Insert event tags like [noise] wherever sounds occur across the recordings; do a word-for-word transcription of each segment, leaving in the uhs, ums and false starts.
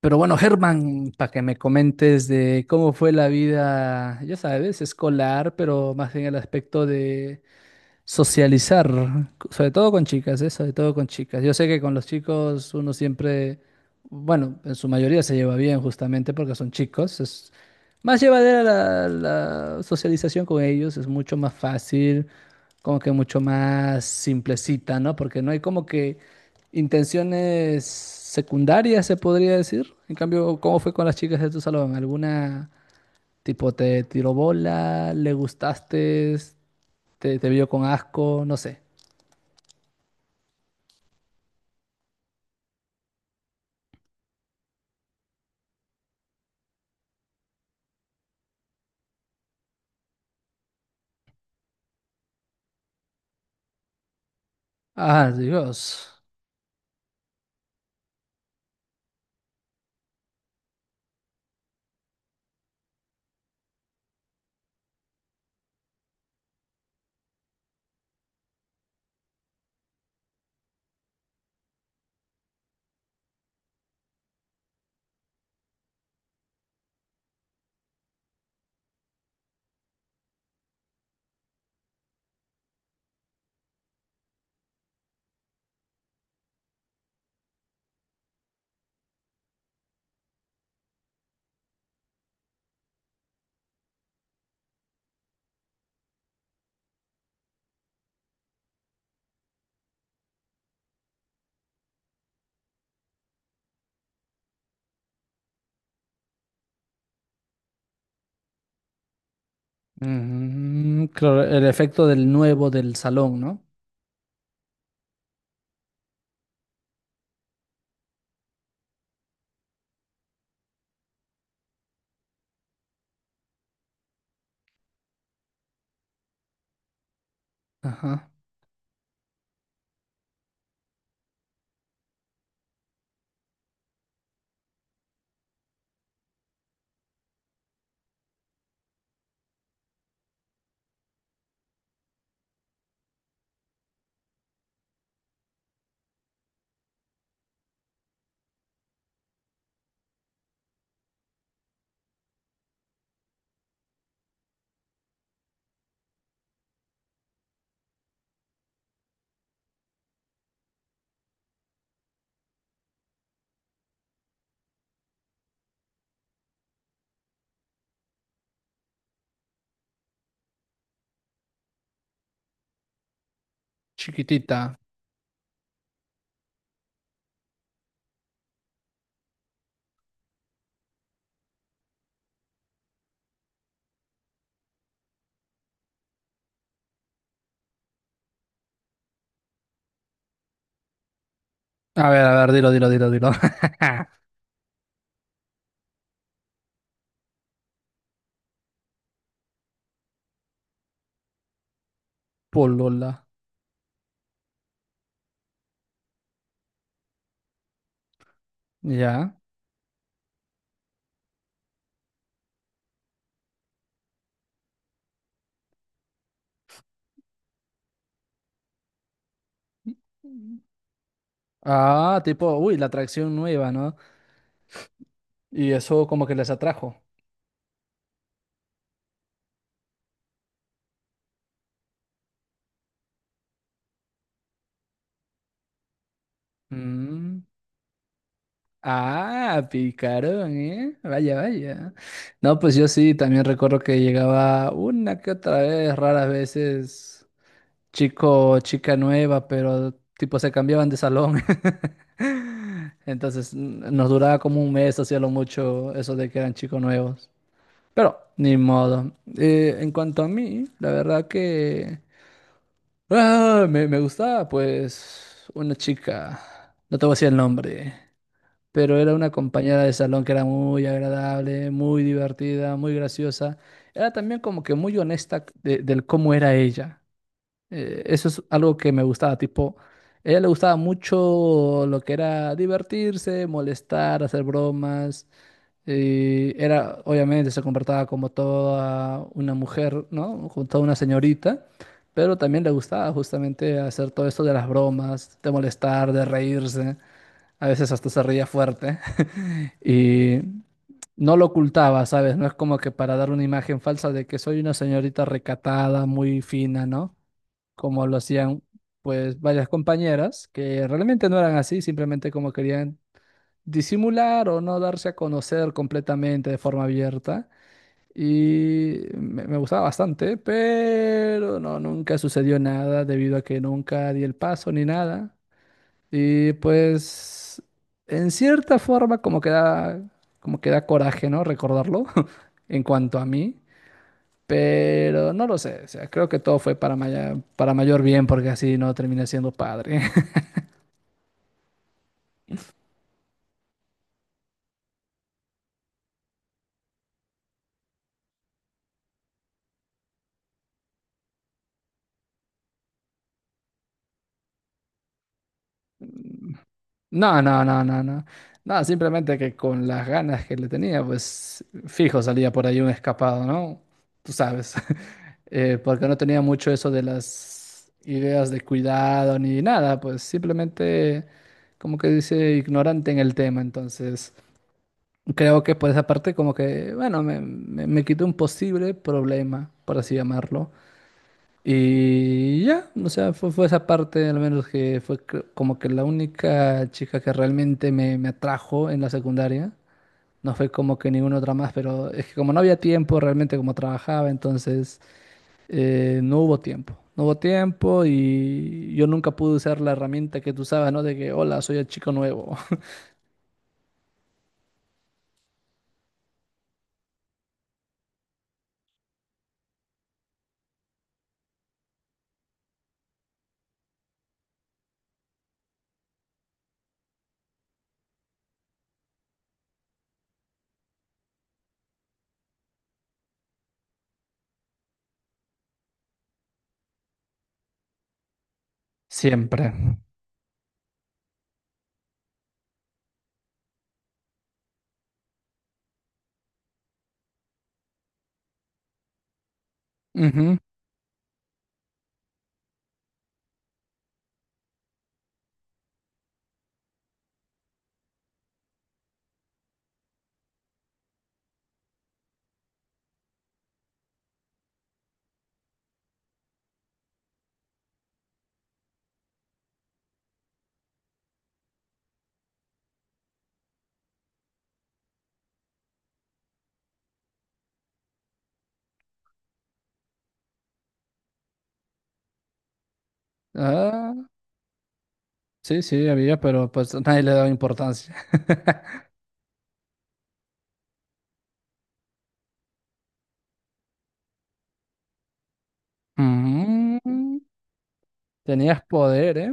Pero bueno, Germán, para que me comentes de cómo fue la vida, ya sabes, escolar, pero más en el aspecto de socializar, sobre todo con chicas, ¿eh? Sobre todo con chicas. Yo sé que con los chicos uno siempre, bueno, en su mayoría se lleva bien justamente porque son chicos. Es más llevadera la, la socialización con ellos, es mucho más fácil como que mucho más simplecita, ¿no? Porque no hay como que intenciones secundarias, se podría decir. En cambio, ¿cómo fue con las chicas de tu salón? ¿Alguna tipo te tiró bola, le gustaste, te, te vio con asco, no sé? Ah, Dios. Mm, claro, el efecto del nuevo del salón, ¿no? Ajá. Chiquitita. A ver, a ver, dilo, dilo, dilo, dilo. [laughs] Polola. Ya. Ah, tipo, uy, la atracción nueva, ¿no? Y eso como que les atrajo. Mm. Ah, picaron, ¿eh? Vaya, vaya. No, pues yo sí, también recuerdo que llegaba una que otra vez, raras veces, chico o chica nueva, pero tipo se cambiaban de salón. [laughs] Entonces n- nos duraba como un mes, hacía lo mucho eso de que eran chicos nuevos. Pero, ni modo. Eh, en cuanto a mí, la verdad que... Ah, me, me gustaba, pues, una chica, no te voy a decir el nombre, pero era una compañera de salón que era muy agradable, muy divertida, muy graciosa. Era también como que muy honesta de- del cómo era ella. Eh, eso es algo que me gustaba, tipo, a ella le gustaba mucho lo que era divertirse, molestar, hacer bromas. Eh, era, obviamente, se comportaba como toda una mujer, ¿no? Como toda una señorita, pero también le gustaba justamente hacer todo esto de las bromas, de molestar, de reírse, a veces hasta se reía fuerte [laughs] y no lo ocultaba, ¿sabes? No es como que para dar una imagen falsa de que soy una señorita recatada, muy fina, ¿no? Como lo hacían, pues, varias compañeras que realmente no eran así, simplemente como querían disimular o no darse a conocer completamente de forma abierta. Y me, me gustaba bastante, pero no, nunca sucedió nada debido a que nunca di el paso ni nada. Y pues, en cierta forma, como que da, como que da coraje, ¿no? Recordarlo [laughs] en cuanto a mí. Pero no lo sé, o sea, creo que todo fue para, maya- para mayor bien porque así no terminé siendo padre. No, no, no, no, no. No, simplemente que con las ganas que le tenía, pues fijo salía por ahí un escapado, ¿no? Tú sabes. [laughs] Eh, porque no tenía mucho eso de las ideas de cuidado ni nada, pues simplemente como que dice ignorante en el tema. Entonces, creo que por esa parte como que, bueno, me, me, me quitó un posible problema, por así llamarlo. Y ya, o sea, fue, fue esa parte, al menos que fue cre- como que la única chica que realmente me, me atrajo en la secundaria. No fue como que ninguna otra más, pero es que como no había tiempo, realmente como trabajaba, entonces eh, no hubo tiempo. No hubo tiempo y yo nunca pude usar la herramienta que tú usabas, ¿no? De que, hola, soy el chico nuevo. [laughs] Siempre. Ujú. Ah, sí, sí, había, pero pues nadie le daba importancia. [laughs] Mm, tenías poder, ¿eh?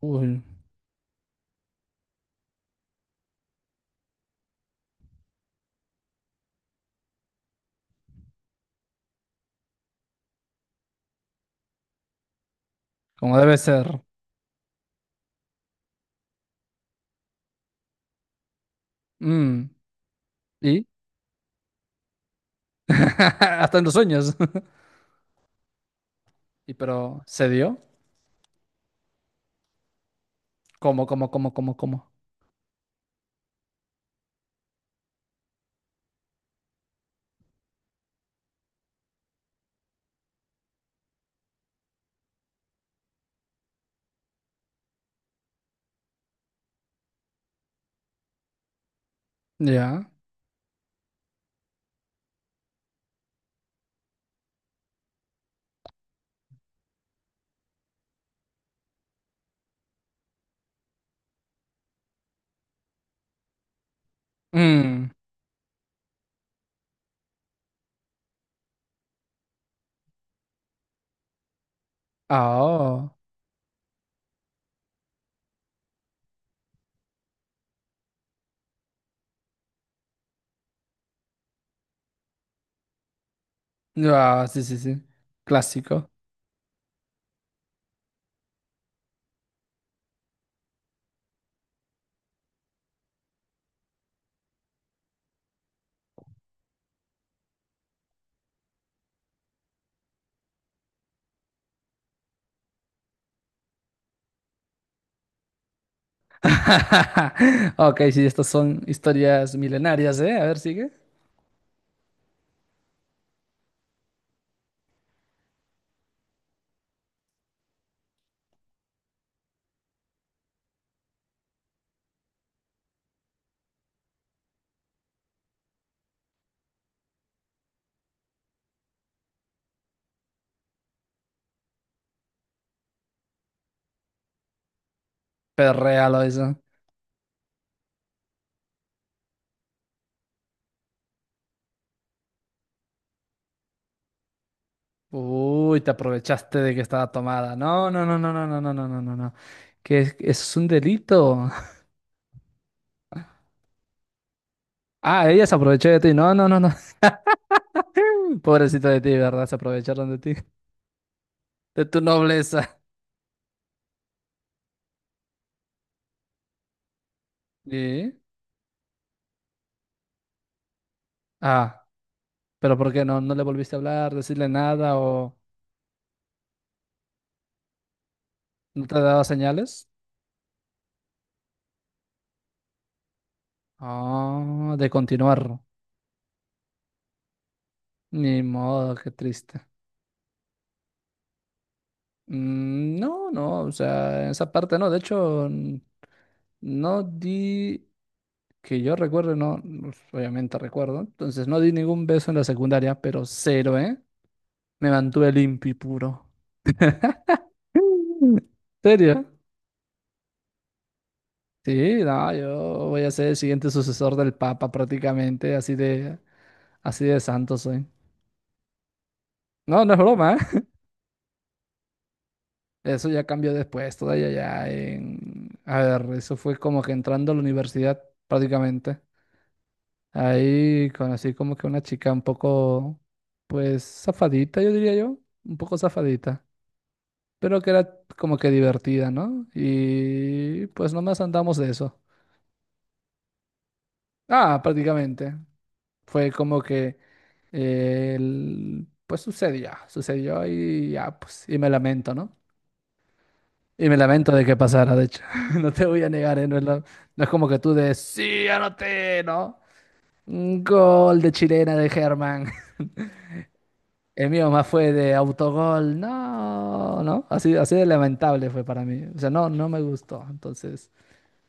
Uy, como debe ser. Mm, ¿y? [laughs] Hasta en los sueños. [laughs] ¿Y pero se dio? ¿Cómo, cómo, cómo, cómo, cómo? Ya. Mm. Ah, oh. Ah, sí, sí, sí. Clásico. [laughs] Ok, sí, estas son historias milenarias, ¿eh? A ver, sigue. Perréalo eso. Uy, te aprovechaste de que estaba tomada. No, no, no, no, no, no, no, no, no, no, no. Que es- eso es un delito. [laughs] Ah, ella se aprovechó de ti. No, no, no, no. [laughs] Pobrecito de ti, ¿verdad? Se aprovecharon de ti, de tu nobleza. ¿Y? Ah, pero ¿por qué no? ¿No le volviste a hablar, decirle nada o no te daba señales? Ah, de continuar. Ni modo, qué triste. Mm, no, no, o sea, en esa parte no. De hecho, n- no di, que yo recuerdo, no, pues, obviamente recuerdo. Entonces no di ningún beso en la secundaria, pero cero, ¿eh? Me mantuve limpio y puro. [laughs] ¿En serio? Sí, no, yo voy a ser el siguiente sucesor del Papa prácticamente, así de, así de santo soy. No, no es broma, ¿eh? Eso ya cambió después, todavía ya en... A ver, eso fue como que entrando a la universidad prácticamente. Ahí conocí como que una chica un poco, pues, zafadita, yo diría yo, un poco zafadita, pero que era como que divertida, ¿no? Y pues nomás andamos de eso. Ah, prácticamente. Fue como que, eh, el- pues sucedió, sucedió y ya, pues, y me lamento, ¿no? Y me lamento de que pasara, de hecho. [laughs] No te voy a negar, ¿eh? No es, lo- no es como que tú de, sí, anoté, ¿no? Un gol de chilena de Germán. [laughs] El mío más fue de autogol, no, ¿no? Así, así de lamentable fue para mí. O sea, no, no me gustó. Entonces,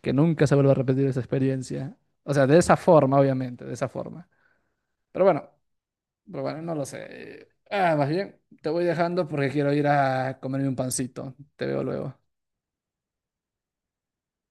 que nunca se vuelva a repetir esa experiencia. O sea, de esa forma, obviamente, de esa forma. Pero bueno. Pero bueno, no lo sé. Ah, más bien, te voy dejando porque quiero ir a comerme un pancito. Te veo luego.